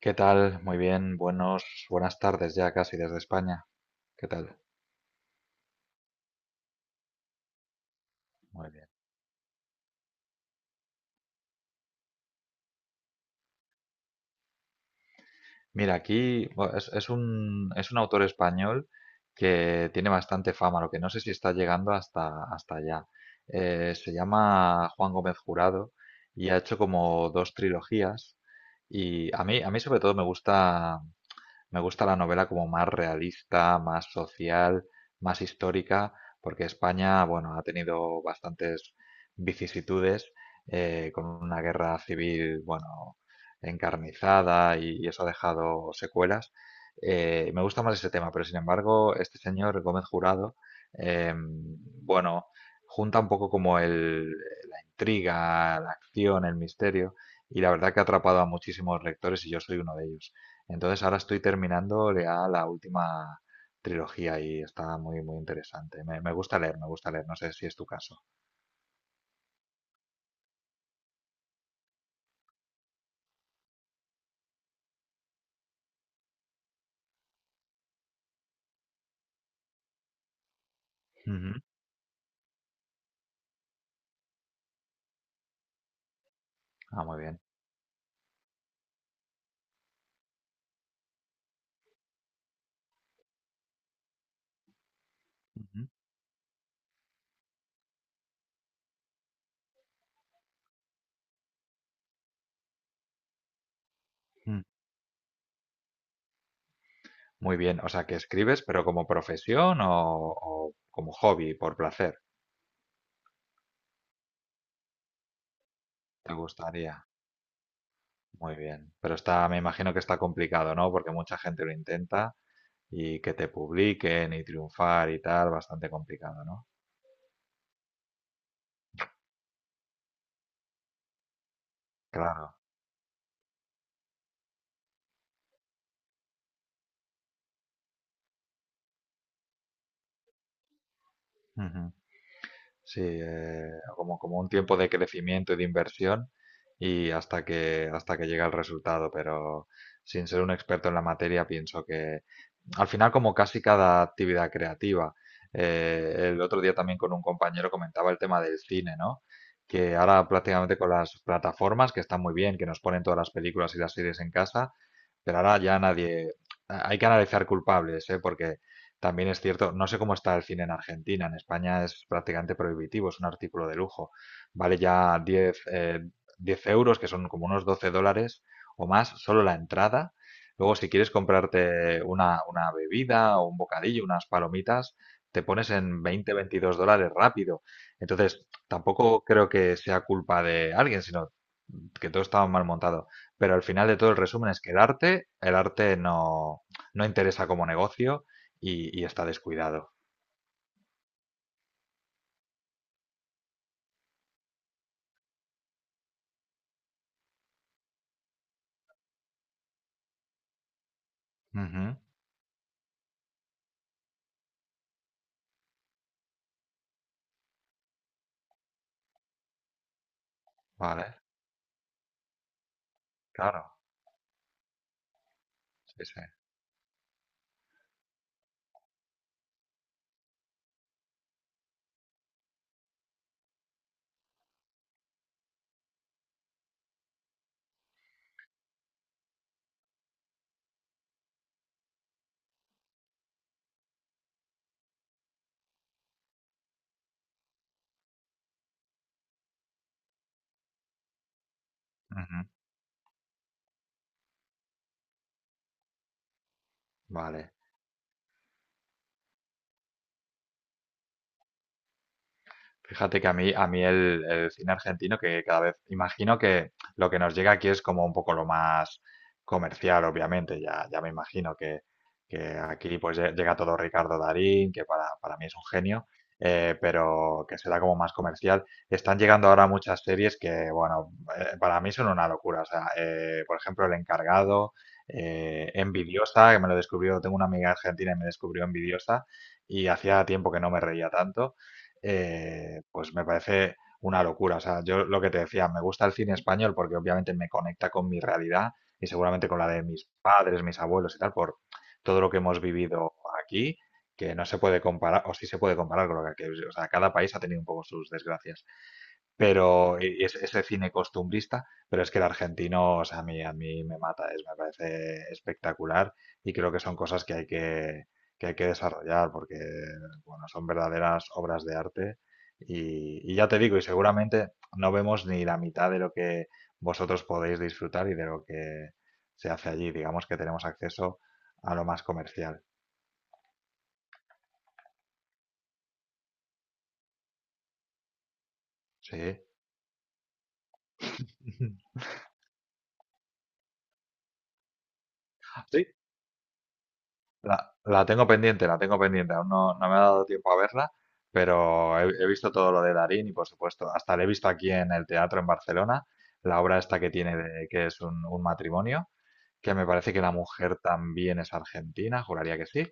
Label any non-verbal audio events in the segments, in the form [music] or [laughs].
¿Qué tal? Muy bien, buenas tardes ya casi desde España. ¿Qué tal? Muy bien. Mira, aquí bueno, es un autor español que tiene bastante fama, lo que no sé si está llegando hasta allá. Se llama Juan Gómez Jurado y ha hecho como dos trilogías. Y a mí sobre todo me gusta la novela como más realista, más social, más histórica, porque España, bueno, ha tenido bastantes vicisitudes con una guerra civil, bueno, encarnizada y eso ha dejado secuelas. Me gusta más ese tema, pero sin embargo, este señor Gómez Jurado, eh, bueno, junta un poco como la intriga, la acción, el misterio, y la verdad que ha atrapado a muchísimos lectores y yo soy uno de ellos. Entonces ahora estoy terminando ya la última trilogía y está muy, muy interesante. Me gusta leer, no sé si es tu caso. Ujú. Ah, muy bien. Ujú. Mm. Muy bien, o sea, que escribes, pero como profesión o como hobby, por placer, ¿te gustaría? Muy bien, pero está, me imagino que está complicado, ¿no? Porque mucha gente lo intenta y que te publiquen y triunfar y tal, bastante complicado, ¿no? Claro. Ujú. Sí, como un tiempo de crecimiento y de inversión y hasta que llega el resultado, pero sin ser un experto en la materia, pienso que al final como casi cada actividad creativa, el otro día también con un compañero comentaba el tema del cine, ¿no? Que ahora prácticamente con las plataformas, que están muy bien, que nos ponen todas las películas y las series en casa, pero ahora ya nadie. Hay que analizar culpables, ¿eh? Porque también es cierto, no sé cómo está el cine en Argentina. En España es prácticamente prohibitivo, es un artículo de lujo. Vale ya 10 10 euros, que son como unos 12 dólares o más, solo la entrada. Luego, si quieres comprarte una bebida o un bocadillo, unas palomitas, te pones en 20 22 dólares rápido. Entonces, tampoco creo que sea culpa de alguien, sino que todo estaba mal montado, pero al final de todo el resumen es que el arte, no interesa como negocio y está descuidado. Ujú. Vale, claro. Sí, sí. Ujú. Vale. Fíjate que a mí el cine argentino, que cada vez imagino que lo que nos llega aquí es como un poco lo más comercial, obviamente. Ya me imagino que aquí pues llega todo Ricardo Darín, que para mí es un genio, pero que será como más comercial. Están llegando ahora muchas series que, bueno, para mí son una locura. O sea, por ejemplo, El Encargado, Envidiosa, que me lo descubrió, tengo una amiga argentina y me descubrió Envidiosa, y hacía tiempo que no me reía tanto, pues me parece una locura. O sea, yo lo que te decía, me gusta el cine español porque obviamente me conecta con mi realidad y seguramente con la de mis padres, mis abuelos y tal, por todo lo que hemos vivido aquí, que no se puede comparar, o sí se puede comparar con lo que aquí. O sea, cada país ha tenido un poco sus desgracias, ese cine costumbrista, pero es que el argentino, o sea, a mí me mata, es, me parece espectacular y creo que son cosas que hay que desarrollar porque, bueno, son verdaderas obras de arte y ya te digo, y seguramente no vemos ni la mitad de lo que vosotros podéis disfrutar y de lo que se hace allí, digamos que tenemos acceso a lo más comercial. ¿Sí? [laughs] Sí. La, la tengo pendiente, la tengo pendiente. Aún no me ha dado tiempo a verla, pero he visto todo lo de Darín y, por supuesto, hasta la he visto aquí en el teatro en Barcelona, la obra esta que tiene de, que es un matrimonio que me parece que la mujer también es argentina, juraría que sí.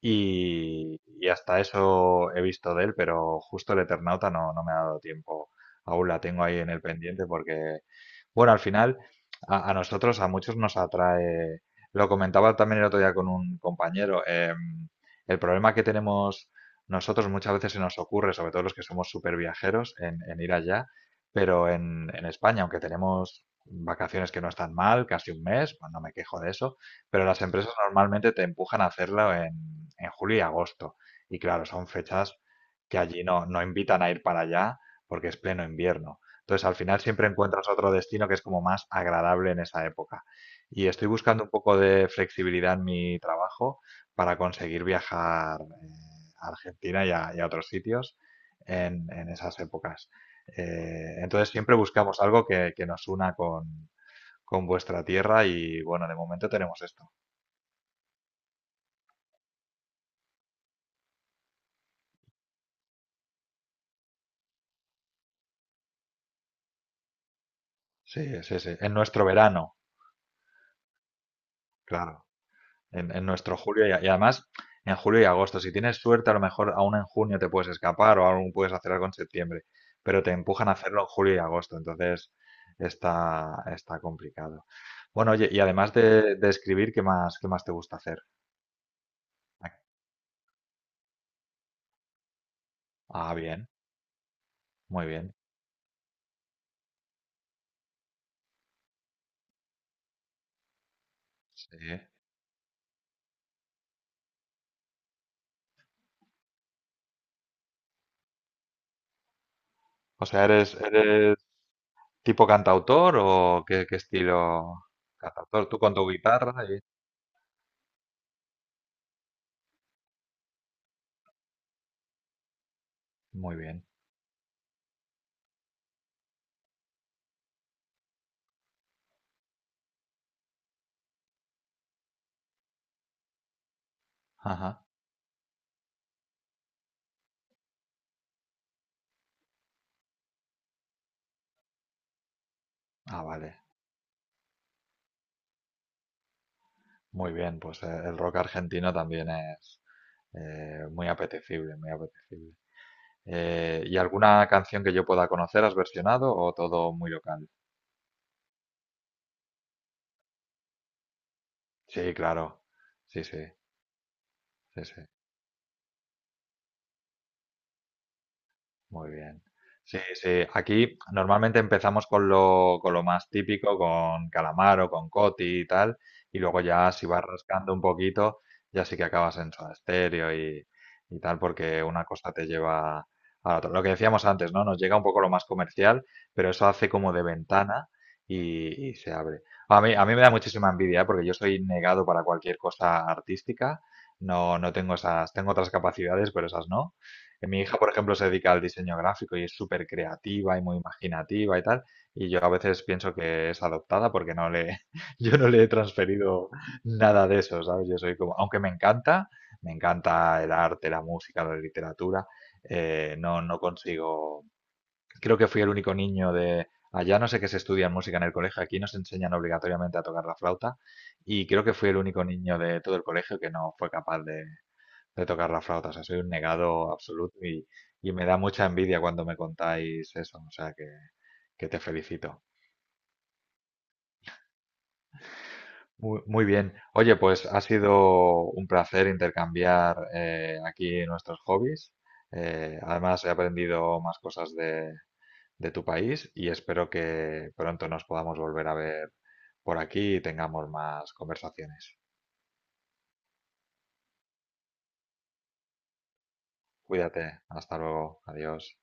Y hasta eso he visto de él, pero justo el Eternauta no me ha dado tiempo. Aún la tengo ahí en el pendiente porque, bueno, al final a nosotros, a muchos nos atrae, lo comentaba también el otro día con un compañero, el problema que tenemos nosotros muchas veces se nos ocurre, sobre todo los que somos súper viajeros, en ir allá, pero en España, aunque tenemos vacaciones que no están mal, casi 1 mes, pues no me quejo de eso, pero las empresas normalmente te empujan a hacerlo en julio y agosto. Y claro, son fechas que allí no invitan a ir para allá porque es pleno invierno. Entonces, al final siempre encuentras otro destino que es como más agradable en esa época. Y estoy buscando un poco de flexibilidad en mi trabajo para conseguir viajar a Argentina y a otros sitios en esas épocas. Entonces siempre buscamos algo que nos una con vuestra tierra y bueno, de momento tenemos esto. Sí, sí, sí. En nuestro verano, claro. En nuestro julio y además en julio y agosto. Si tienes suerte, a lo mejor aún en junio te puedes escapar o aún puedes hacer algo en septiembre, pero te empujan a hacerlo en julio y agosto. Entonces está, está complicado. Bueno, oye, y además de escribir, qué más te gusta hacer? Ah, bien, muy bien. Sí. O sea, eres, eres, ¿tipo cantautor o qué, qué estilo cantautor? Tú con tu guitarra y... Muy bien. Ajá. Ah, vale. Muy bien, pues el rock argentino también es muy apetecible, muy apetecible. ¿Y alguna canción que yo pueda conocer has versionado o todo muy local? Sí, claro. Sí, sí, sí, sí. Muy bien. Sí, sí. Aquí normalmente empezamos con lo más típico, con calamar o con coti y tal, y luego ya si vas rascando un poquito, ya sí que acabas en Soda Stereo y tal, porque una cosa te lleva a la otra. Lo que decíamos antes, ¿no? Nos llega un poco lo más comercial, pero eso hace como de ventana y se abre. A mí me da muchísima envidia, ¿eh? Porque yo soy negado para cualquier cosa artística. No, no tengo esas, tengo otras capacidades, pero esas no. Que mi hija, por ejemplo, se dedica al diseño gráfico y es súper creativa y muy imaginativa y tal. Y yo a veces pienso que es adoptada porque no le, [laughs] yo no le he transferido nada de eso, ¿sabes? Yo soy como, aunque me encanta el arte, la música, la literatura, no consigo. Creo que fui el único niño de allá, no sé qué se estudia en música en el colegio, aquí nos enseñan obligatoriamente a tocar la flauta y creo que fui el único niño de todo el colegio que no fue capaz de tocar la flauta. O sea, soy un negado absoluto y me da mucha envidia cuando me contáis eso. O sea, que te felicito. Muy, muy bien. Oye, pues ha sido un placer intercambiar aquí nuestros hobbies. Además, he aprendido más cosas de tu país y espero que pronto nos podamos volver a ver por aquí y tengamos más conversaciones. Cuídate. Hasta luego. Adiós.